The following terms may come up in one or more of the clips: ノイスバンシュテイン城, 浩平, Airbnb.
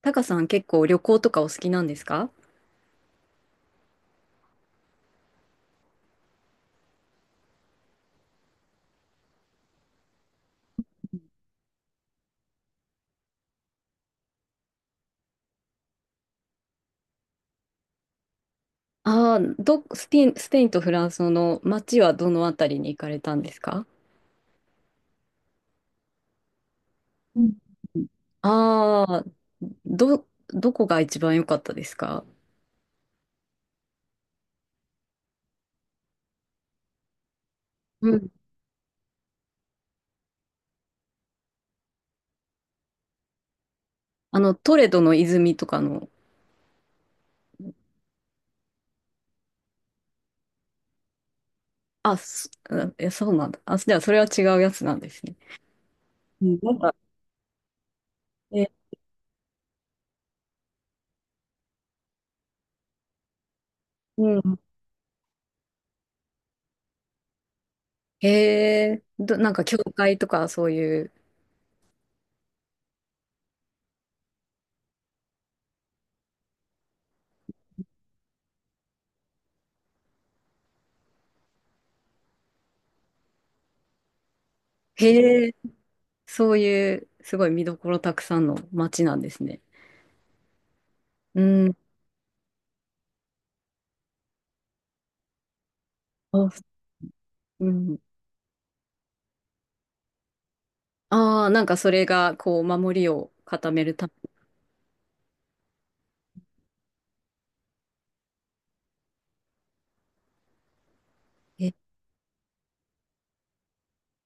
タカさん、結構旅行とかお好きなんですか？ああー、スペインとフランスの街はどのあたりに行かれたんですか？うん。ああー。どこが一番良かったですか？うん。あの、トレドの泉とかの。あ、そ、あえ、そうなんだ。あ、じゃあそれは違うやつなんですね。うん。なんか、え、うん。へえ、なんか教会とかそういう。へえ、そういうすごい見どころたくさんの街なんですね。うん。あ、うん。ああ、なんかそれが、こう、守りを固めるため。え、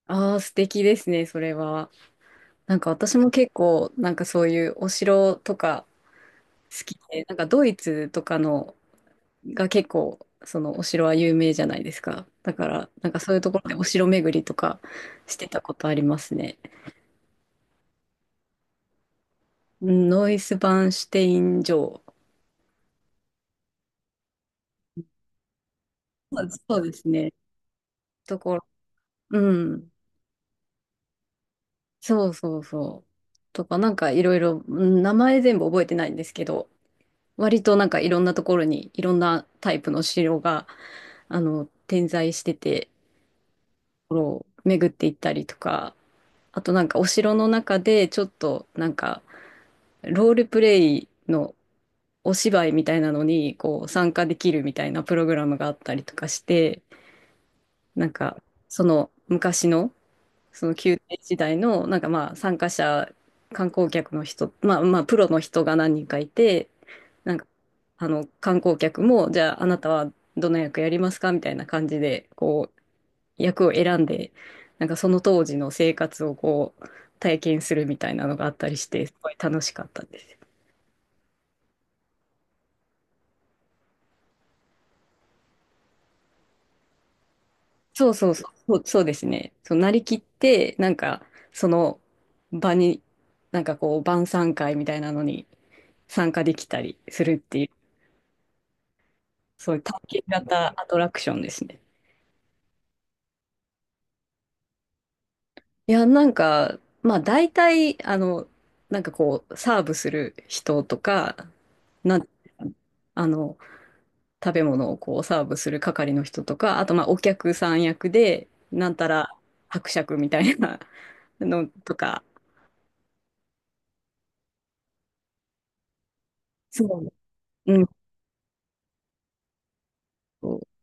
ああ、素敵ですね、それは。なんか私も結構、なんかそういうお城とか好きで、なんかドイツとかのが結構、そのお城は有名じゃないですか。だから、なんかそういうところでお城巡りとかしてたことありますね。うん、ノイスバンシュテイン城。そうです、そうですね。ところ、うん。そうそうそう。とか、なんかいろいろ、うん、名前全部覚えてないんですけど、割となんかいろんなところにいろんなタイプの城が、あの、点在してて、ところを巡っていったりとか、あとなんかお城の中でちょっとなんかロールプレイのお芝居みたいなのにこう参加できるみたいなプログラムがあったりとかして、なんかその昔のその宮廷時代の、なんかまあ参加者、観光客の人、まあまあプロの人が何人かいて、なんかあの観光客も、じゃああなたはどの役やりますかみたいな感じで、こう役を選んで、なんかその当時の生活をこう体験するみたいなのがあったりして、すごい楽しかったです。そうそうそう、そうそうですね。そう、なりきって、なんかその場に、なんかこう晩餐会みたいなのに参加できたりするっていう、そういう体験型アトラクションですね。いや、なんか、まあ大体、あの、なんかこう、サーブする人とか、なん、あの、食べ物をこうサーブする係の人とか、あとまあお客さん役で、なんたら伯爵みたいなのとか、そう、うん、そ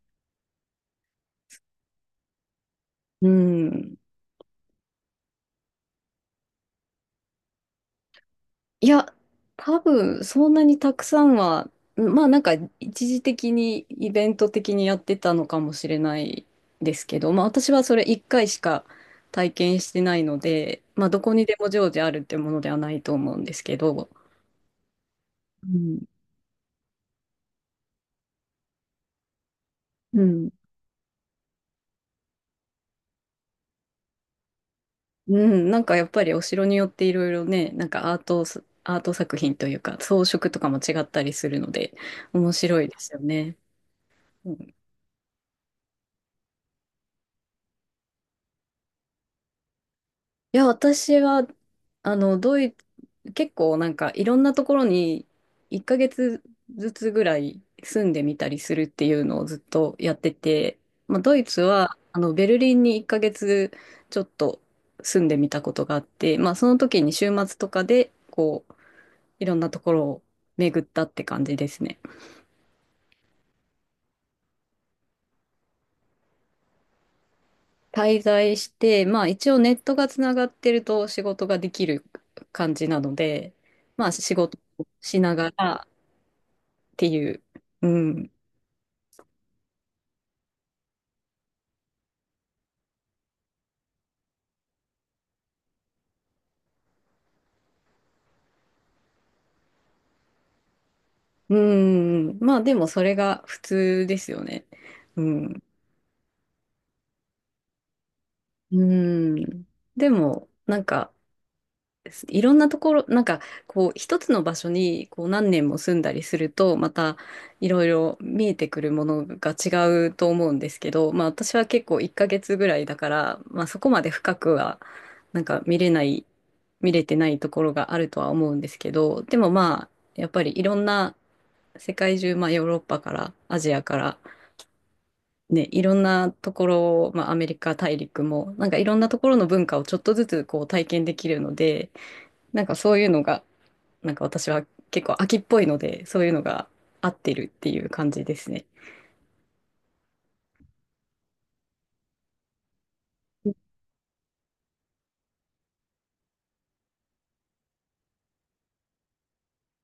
う、うん、いや、多分そんなにたくさんは、うん、まあなんか一時的にイベント的にやってたのかもしれないですけど、まあ私はそれ1回しか体験してないので、まあどこにでも常時あるってものではないと思うんですけど、うん。うん、うん、なんかやっぱりお城によっていろいろね、なんかアート作品というか装飾とかも違ったりするので面白いですよね。うん、いや、私はあの結構なんかいろんなところに1ヶ月ずつぐらい住んでみたりするっていうのをずっとやってて、まあ、ドイツはあのベルリンに1ヶ月ちょっと住んでみたことがあって、まあ、その時に週末とかでこういろんなところを巡ったって感じですね。滞在して、まあ、一応ネットがつながってると仕事ができる感じなので、まあ、仕事をしながらっていう、うん、うん。まあでもそれが普通ですよね。うん。うん。でも、なんか、いろんなところ、なんか、こう、一つの場所に、こう、何年も住んだりすると、また、いろいろ見えてくるものが違うと思うんですけど、まあ、私は結構1ヶ月ぐらいだから、まあ、そこまで深くは、なんか、見れてないところがあるとは思うんですけど、でもまあ、やっぱりいろんな世界中、まあ、ヨーロッパから、アジアから、ね、いろんなところを、まあ、アメリカ大陸も、なんかいろんなところの文化をちょっとずつこう体験できるので、なんかそういうのが、なんか私は結構秋っぽいので、そういうのが合ってるっていう感じですね。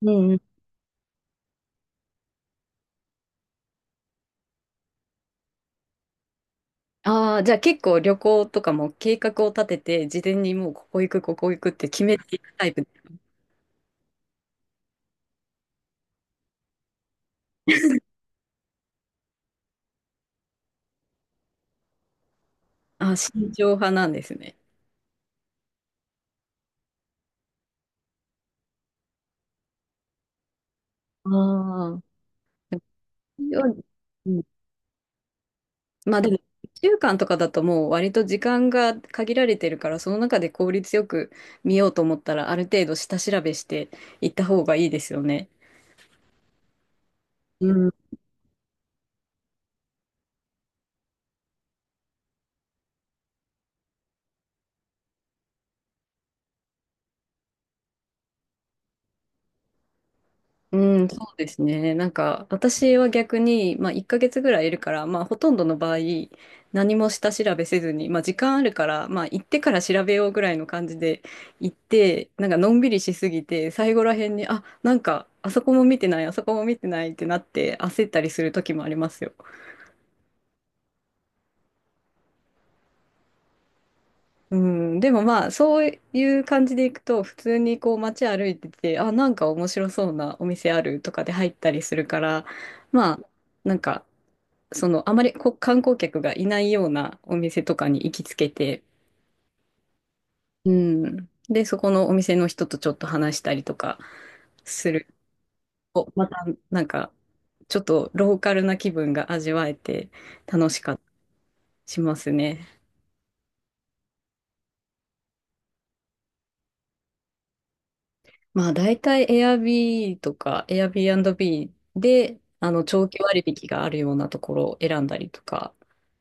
うんうん。ああ、じゃあ結構旅行とかも計画を立てて、事前にもうここ行く、ここ行くって決めていくタイプ。ああ、慎重派なんですね。ああ。うん、まあでも、1週間とかだともう割と時間が限られてるから、その中で効率よく見ようと思ったら、ある程度下調べしていった方がいいですよね。うん。うん、そうですね。なんか、私は逆に、まあ、1ヶ月ぐらいいるから、まあ、ほとんどの場合、何も下調べせずに、まあ、時間あるから、まあ、行ってから調べようぐらいの感じで行って、なんか、のんびりしすぎて、最後らへんに、あ、なんか、あそこも見てない、あそこも見てないってなって、焦ったりする時もありますよ。うん、でもまあそういう感じで行くと普通にこう街歩いてて、あ、なんか面白そうなお店あるとかで入ったりするから、まあなんかそのあまりこう観光客がいないようなお店とかに行きつけて、うん、でそこのお店の人とちょっと話したりとかすると、またなんかちょっとローカルな気分が味わえて楽しかったりしますね。まあ大体 Airb n b とか Airbnb であの長期割引があるようなところを選んだりとか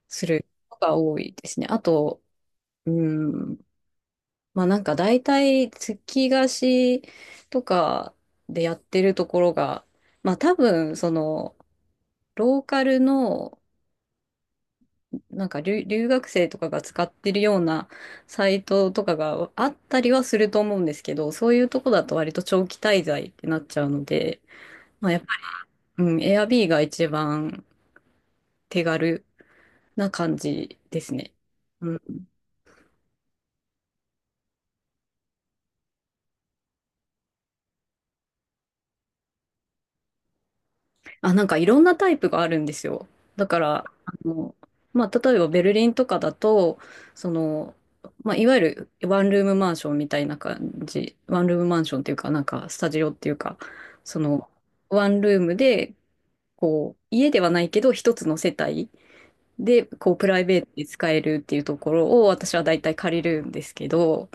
することが多いですね。あと、うん、まあなんか大体月貸しとかでやってるところが、まあ多分そのローカルのなんか留学生とかが使ってるようなサイトとかがあったりはすると思うんですけど、そういうとこだと割と長期滞在ってなっちゃうので、まあ、やっぱ、うん、エアビーが一番手軽な感じですね。うん。あ、なんかいろんなタイプがあるんですよ。だから、あの、まあ、例えばベルリンとかだと、その、まあ、いわゆるワンルームマンションみたいな感じ、ワンルームマンションっていうか、なんかスタジオっていうか、その、ワンルームで、こう、家ではないけど、一つの世帯で、こう、プライベートで使えるっていうところを私は大体借りるんですけど、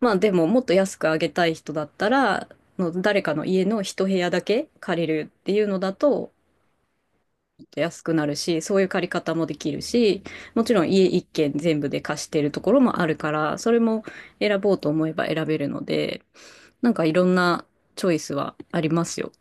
まあでももっと安くあげたい人だったら、の誰かの家の一部屋だけ借りるっていうのだと、もっと安くなるし、そういう借り方もできるし、もちろん家一軒全部で貸してるところもあるから、それも選ぼうと思えば選べるので、なんかいろんなチョイスはありますよ。